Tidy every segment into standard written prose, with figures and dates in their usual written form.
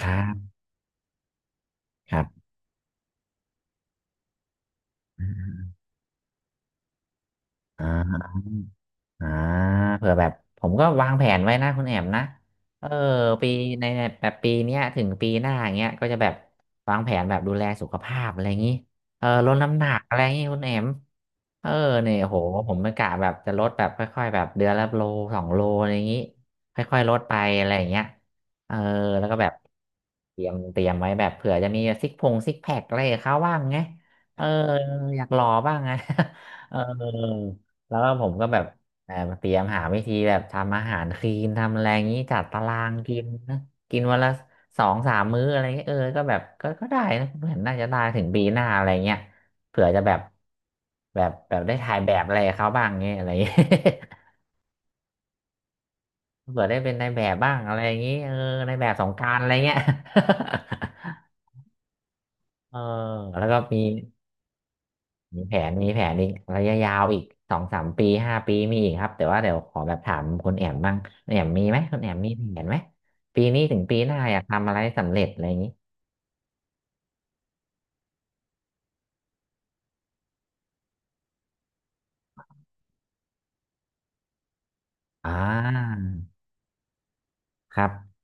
ครับครับอ่า อ่าเผื่อแบบผมก็วางแผนไว้นะคุณแอมนะเออปีในแบบปีเนี้ยถึงปีหน้าอย่างเงี้ยก็จะแบบวางแผนแบบดูแลสุขภาพอะไรอย่างงี้เออลดน้ำหนักอะไรอย่างงี้คุณแอมเออเนี่ยโหผมไม่กะแบบจะลดแบบค่อยๆแบบเดือนละโลสองโลอะไรอย่างงี้ค่อยๆลดไปอะไรอย่างเงี้ยเออแล้วก็แบบเตรียมเตรียมไว้แบบเผื่อจะมีซิกพงซิกแพคอะไรกับเขาบ้างไงเอออยากหล่อบ้างไง เออแล้วก็ผมก็แบบ แบบเตรียมหาวิธีแบบทำอาหารคลีนทำอะไรอย่างนี้จัดตารางกินนะกินวันละ2-3 มื้ออะไรเงี้ยเออก็แบบก็ได้นะเหมือนน่าจะได้ถึงปีหน้าอะไรเงี้ยเผื่อจะแบบแบบแบบได้ถ่ายแบบอะไรกับเขาบ้างเงี้ยอะไรเงี้ย เผื่อได้เป็นนายแบบบ้างอะไรอย่างนี้เออนายแบบสงกรานต์อะไรเงี้ย เออแล้วก็มี มีแผนมีแผนอีกระยะยาวอีกสองสามปีห้าปีมีอีกครับแต่ว่าเดี๋ยวขอแบบถามคุณแอมบ้างคุณแอมมีไหมคุณแอมมีแผนไหมปีนี้ถึงปีหน้าอยากทำอะไรสำเร็จอะไรอย่างนี้อ่าครับ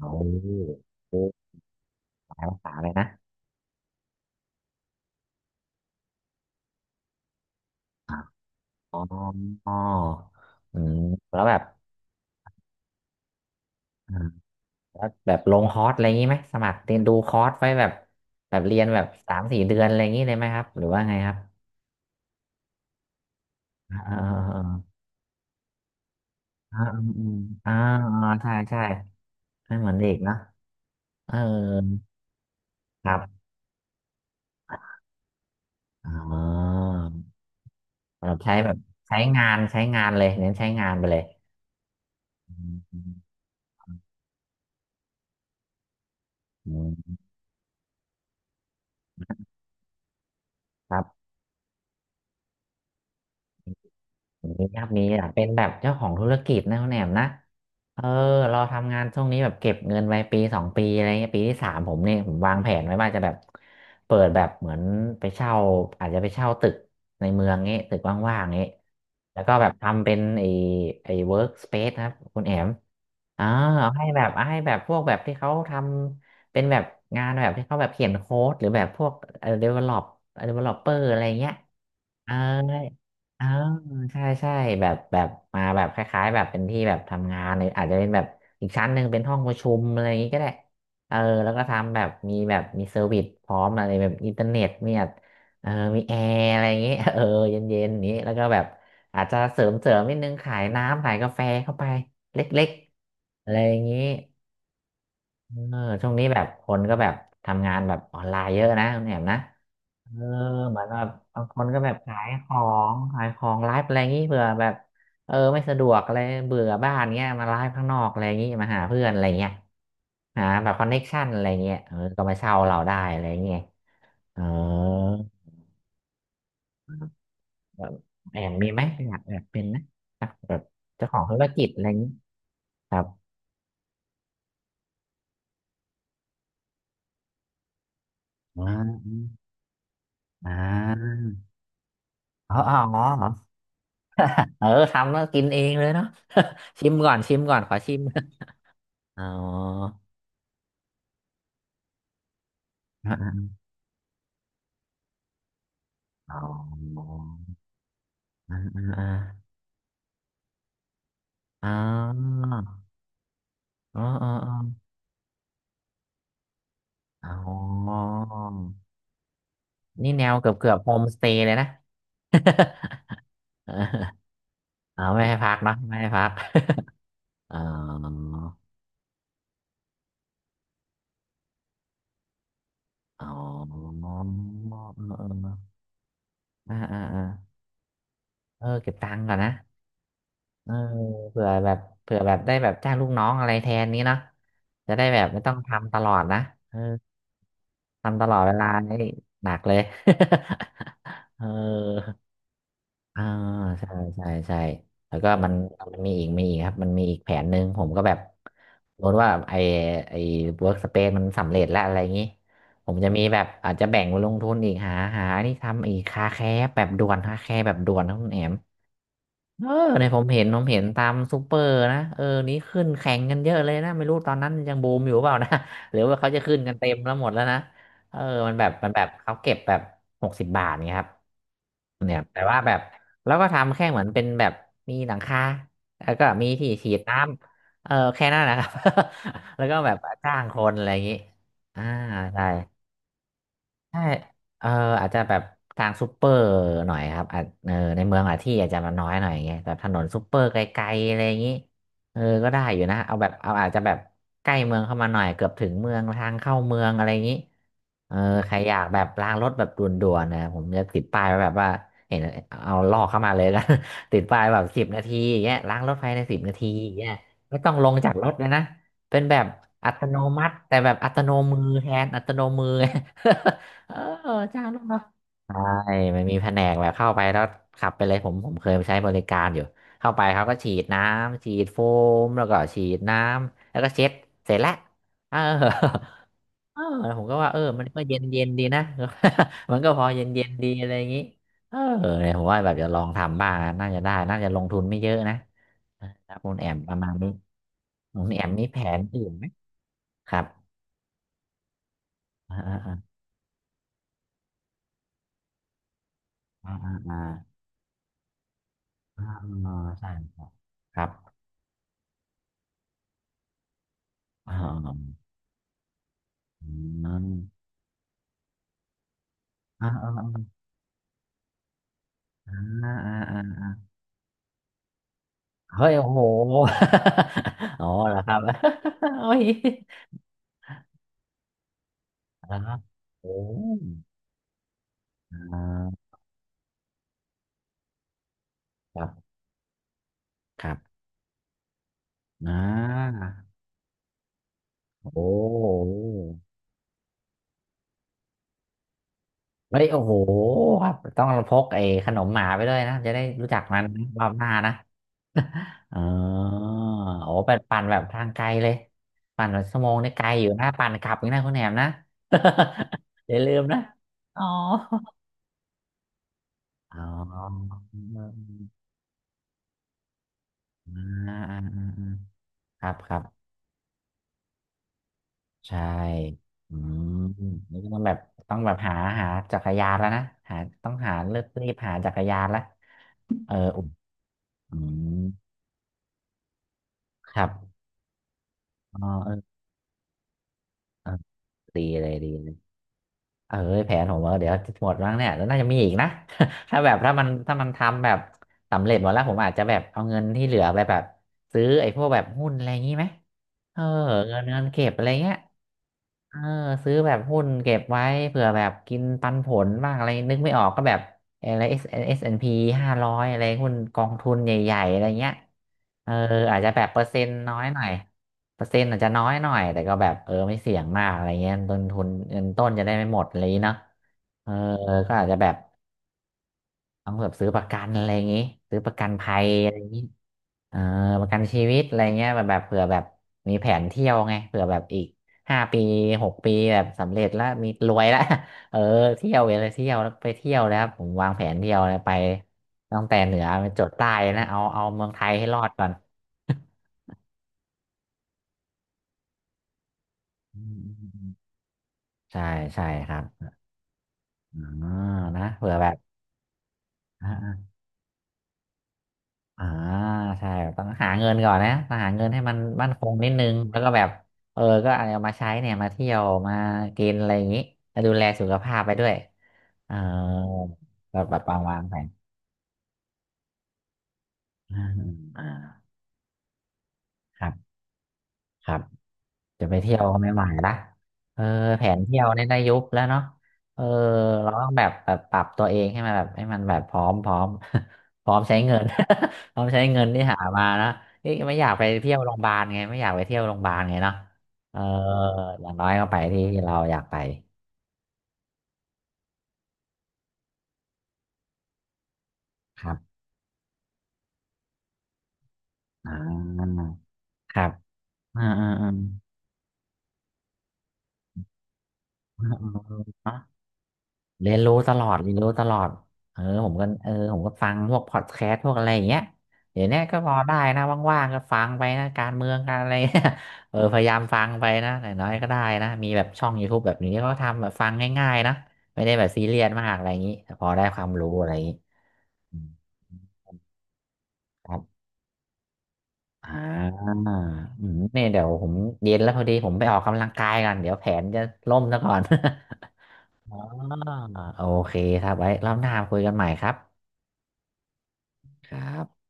โอ้โหหลายภาษาเลยนะอ๋ออออืมแล้วแบบอ่าแล้วแบบลงคอร์สอะไรอย่างนี้ไหมสมัครเรียนดูคอร์สไว้แบบแบบเรียนแบบ3-4 เดือนอะไรอย่างนี้เลยไหมครับหรือว่าไงครับอ่าอ่าอ่าอ่าอ่าอ่าอ่าใช่ใช่ ไม่เหมือนเด็กเนอะเออครับอ๋อแบบใช้แบบใช้งานใช้งานเลยเน้นใช้งานไปเลยอืมอืมครับมีครับมีอ่เป็นแบบเจ้าของธุรกิจนะคุณแหนมนะเออเราทำงานช่วงนี้แบบเก็บเงินไว้ปีสองปีอะไรเงี้ยปีที่สามผมเนี่ยผมวางแผนไว้ว่าจะแบบเปิดแบบเหมือนไปเช่าอาจจะไปเช่าตึกในเมืองงี้ตึกว่างๆงี้แล้วก็แบบทำเป็นไอ้เวิร์กสเปซนะครับคุณแหนม อ่าเอาให้แบบเอาให้แบบพวกแบบที่เขาทำเป็นแบบงานแบบที่เขาแบบเขียนโค้ดหรือแบบพวกเอ่อ develop developer อะไรเงี้ยเออ อ่าใช่ใช่แบบแบบมาแบบคล้ายๆแบบเป็นที่แบบทำงานเลยอาจจะเป็นแบบอีกชั้นหนึ่งเป็นห้องประชุมอะไรอย่างงี้ก็ได้เออแล้วก็ทำแบบมีแบบมีเซอร์วิสพร้อมอะไรแบบอินเทอร์เน็ตเนี่ยเออมีแอร์อะไรอย่างงี้ เออเย็นๆอย่างนี้แล้วก็แบบอาจจะเสริมเสริมนิดนึงขายน้ำขายกาแฟเข้าไปเล็กๆอะไรอย่างงี้เออช่วงนี้แบบคนก็แบบทำงานแบบออนไลน์เยอะนะคุณแอมนะ เออเหมือนแบบบางคนก็แบบขายของขายของไลฟ์อะไรงี้เผื่อแบบเออไม่สะดวกอะไรเบื่อบ้านเงี้ยมาไลฟ์ข้างนอกอะไรงี้มาหาเพื่อนอะไรเงี้ยหาแบบคอนเน็กชันอะไรเงี้ยเออก็มาเช่าเราได้อะไรเงี้ยเออแบบแอมมีไหมอยากแบบเป็นนะแบบเจ้าของธุรกิจอะไรงี้ครับอ่าอ่าอ๋ออ๋ออ๋อเออทำแล้วกินเองเลยเนาะ ชิมก่อนชิมก่อนขอชิมอ๋อ อ๋อ อ่าอ่าอ่าอ๋ออ๋ออ๋ออ๋ออ๋อนี่แนวเกือบเกือบโฮมสเตย์เลยนะ เออเอาไม่ให้พักเนาะไม่ให้พักอ๋ออ๋อเออเอออ่าอ่าอ่าเออเก็บตังค์ก่อนนะเออเผื่อแบบเผื่อแบบได้แบบจ้างลูกน้องอะไรแทนนี้เนาะจะได้แบบไม่ต้องทำตลอดนะเออทำตลอดเวลานี่หนักเลย เออ อ่าใช่ใช่ใช่แล้วก็มันมีอีกมีอีกครับมันมีอีกแผนหนึ่งผมก็แบบสมมติว่าไอไอเวิร์กสเปซมันสำเร็จแล้วอะไรอย่างนี้ผมจะมีแบบอาจจะแบ่งไปลงทุนอีกหาหานี่ทำอีกคาแคร์แบบด่วนคาแคร์แบบด่วนนะคุณแอม เออเนี่ยผมเห็นผมเห็นตามซูเปอร์นะเออนี้ขึ้นแข่งกันเยอะเลยนะไม่รู้ตอนนั้นยังบูมอยู่เปล่านะ หรือว่าเขาจะขึ้นกันเต็มแล้วหมดแล้วนะเออมันแบบมันแบบเขาเก็บแบบ60 บาทเนี่ยครับเนี่ยแต่ว่าแบบแล้วก็ทำแค่เหมือนเป็นแบบมีหลังคาแล้วก็มีที่ฉีดน้ำเออแค่นั้นนะครับ แล้วก็แบบจ้างคนอะไรอย่างนี้อ่าใช่ ใช่เอออาจจะแบบทางซูเปอร์หน่อยครับอาจเออในเมืองอะที่อาจจะมันน้อยหน่อยอย่างเงี้ยแบบถนนซูเปอร์ไกลๆอะไรอย่างงี้เออก็ได้อยู่นะเอาแบบเอาอาจจะแบบใกล้เมืองเข้ามาหน่อย เกือบถึงเมืองทางเข้าเมืองอะไรอย่างงี้เออใครอยากแบบล้างรถแบบด่วนๆนะผมจะติดป้ายไว้แบบว่าเห็นเอาลอกเข้ามาเลยนะ ติดป้ายแบบ10 นาทีอย่างเงี้ยล้างรถภายในสิบนาทีอย่างเงี้ยไม่ต้องลงจากรถเลยนะเป็นแบบอัตโนมัติแต่แบบอัตโนมือแทนอัตโนมือ เออจ้างลูกน้องใช่มันมีแผนกแบบเข้าไปแล้วขับไปเลยผมเคยไปใช้บริการอยู่เข้าไปเขาก็ฉีดน้ำฉีดโฟมแล้วก็ฉีดน้ำแล้วก็เช็ดเสร็จแล้วเออเออแล้วผมก็ว่าเออมันก็เย็นเย็นดีนะ มันก็พอเย็นเย็นดีอะไรอย่างนี้เออเนี่ยผมว่าแบบจะลองทำบ้างน่าจะได้น่าจะลงทุนไม่เยอะนะครับคุณแอมประมาณนี้คุณแอมมีแผนอื่นไหมครับอ่าอ่าอ่าอ่าอ่าอ่าอ่าใช่ครับครับ อออ่าอ่าอ่าอ่าอ่าอ่าเฮ้ยโอ้โห อ๋อเหรอครับ โอ้ยนะโอ้อ่าครับครับ นะโอ้โหเฮ้ยโอ้โหครับต้องพกไอ้ขนมหมาไปด้วยนะจะได้รู้จักมันรอบหน้านะ อ๋อโอ้เป็นปั่นแบบทางไกลเลยปั่นแบบชั่วโมงนี่ไกลอยู่นะปั่นกลับอีกนะคุณแหนมนะ อย่าลืมนะอ๋อ อ๋ออ่าอ่าอ่าอ่าครับครับใช่อืมนี่ก็ต้องแบบต้องแบบหาหาจักรยานแล้วนะหาต้องหาเลือกรีบหาจักรยานละ เอออุ่นอืมครับอ๋อเออเออดีเลยดีเลย เออแผนผมว่าเดี๋ยวหมดแล้วเนี่ยแล้วน่าจะมีอีกนะ ถ้าแบบถ้ามันทำแบบสำเร็จหมดแล้วผมอาจจะแบบเอาเงินที่เหลือไปแบบซื้อไอ้พวกแบบหุ้นอะไรอย่างงี้ไหมเออเงินเก็บอะไรเงี้ยเออซื้อแบบหุ้นเก็บไว้เผื่อแบบกินปันผลบ้างอะไรนึกไม่ออกก็แบบอะไร SSNP 500อะไรหุ้นกองทุนใหญ่ๆอะไรเงี้ยเอออาจจะแบบเปอร์เซ็นต์น้อยหน่อย เปอร์เซ็นต์อาจจะน้อยหน่อยแต่ก็แบบเออไม่เสี่ยงมากอะไรเงี้ยต้นทุนเงินต้นจะได้ไม่หมดอะไรอย่างงี้เนาะเออก็อาจจะแบบต้องแบบซื้อประกันอะไรอย่างงี้ซื้อประกันภัยอะไรอย่างงี้เออประกันชีวิตอะไรเงี้ยแบบแบบเผื่อแบบมีแผนเที่ยวไงเผื่อแบบอีก5 ปี6 ปีแบบสำเร็จแล้วมีรวยแล้ว เออเที่ยวเลยเที่ยวแล้วไปเที่ยวแล้วผมวางแผนเที่ยวเลยไปตั้งแต่เหนือไปจรดใต้นะเอาเมืองไทยให้รอดก่อน อืมอืมอืมใช่ใช่ครับ อ่านะเผื่อแบบอ่าอ่าใช่ต้องหาเงินก่อนนะต้องหาเงินให้มันมั่นคงนิดนึง แล้วก็แบบเออก็เอามาใช้เนี่ยมาเที่ยวมากินอะไรอย่างนี้แล้วดูแลสุขภาพไปด้วยเออแบบแบบวางแผนอ่าอ่าครับครับ จะไปเที่ยวก็ไม่ไหวละเออแผนเที่ยวเนี่ยได้ยุบแล้วเนาะเออเราต้องแบบแบบปรับตัวเองให้มันแบบให้มันแบบพร้อมพร้อม พร้อมใช้เงิน พร้อมใช้เงินที่หามานะนี่ไม่อยากไปเที่ยวโรงพยาบาลไงไม่อยากไปเที่ยวโรงพยาบาลไงเนาะเอออย่างน้อยก็ไปที่เราอยากไปครับอ่าครับอ่าอ่าอ่า เรียนรู้ตลอดเรียนรู้ตลอดเออผมก็เออผมก็ฟังพวกพอดแคสต์พวกอะไรอย่างเงี้ยเดี๋ยวเนี้ยก็พอได้นะว่างๆก็ฟังไปนะการเมืองการอะไร เนี่ยเออพยายามฟังไปนะหน้อยก็ได้นะมีแบบช่อง YouTube แบบนี้ก็ทำแบบฟังง่ายๆนะไม่ได้แบบซีเรียสมากอะไรอย่างนี้แต่พอได้ความรู้อะไรอย่างนี้อืมครับอ่าอืมเนี่ยเดี๋ยวผมเย็นแล้วพอดีผมไปออกกำลังกายกันเดี๋ยวแผนจะล่มซะก่อน อ๋อโอเคครับไว้รอบหน้าคุยกันใหม่ครับครับ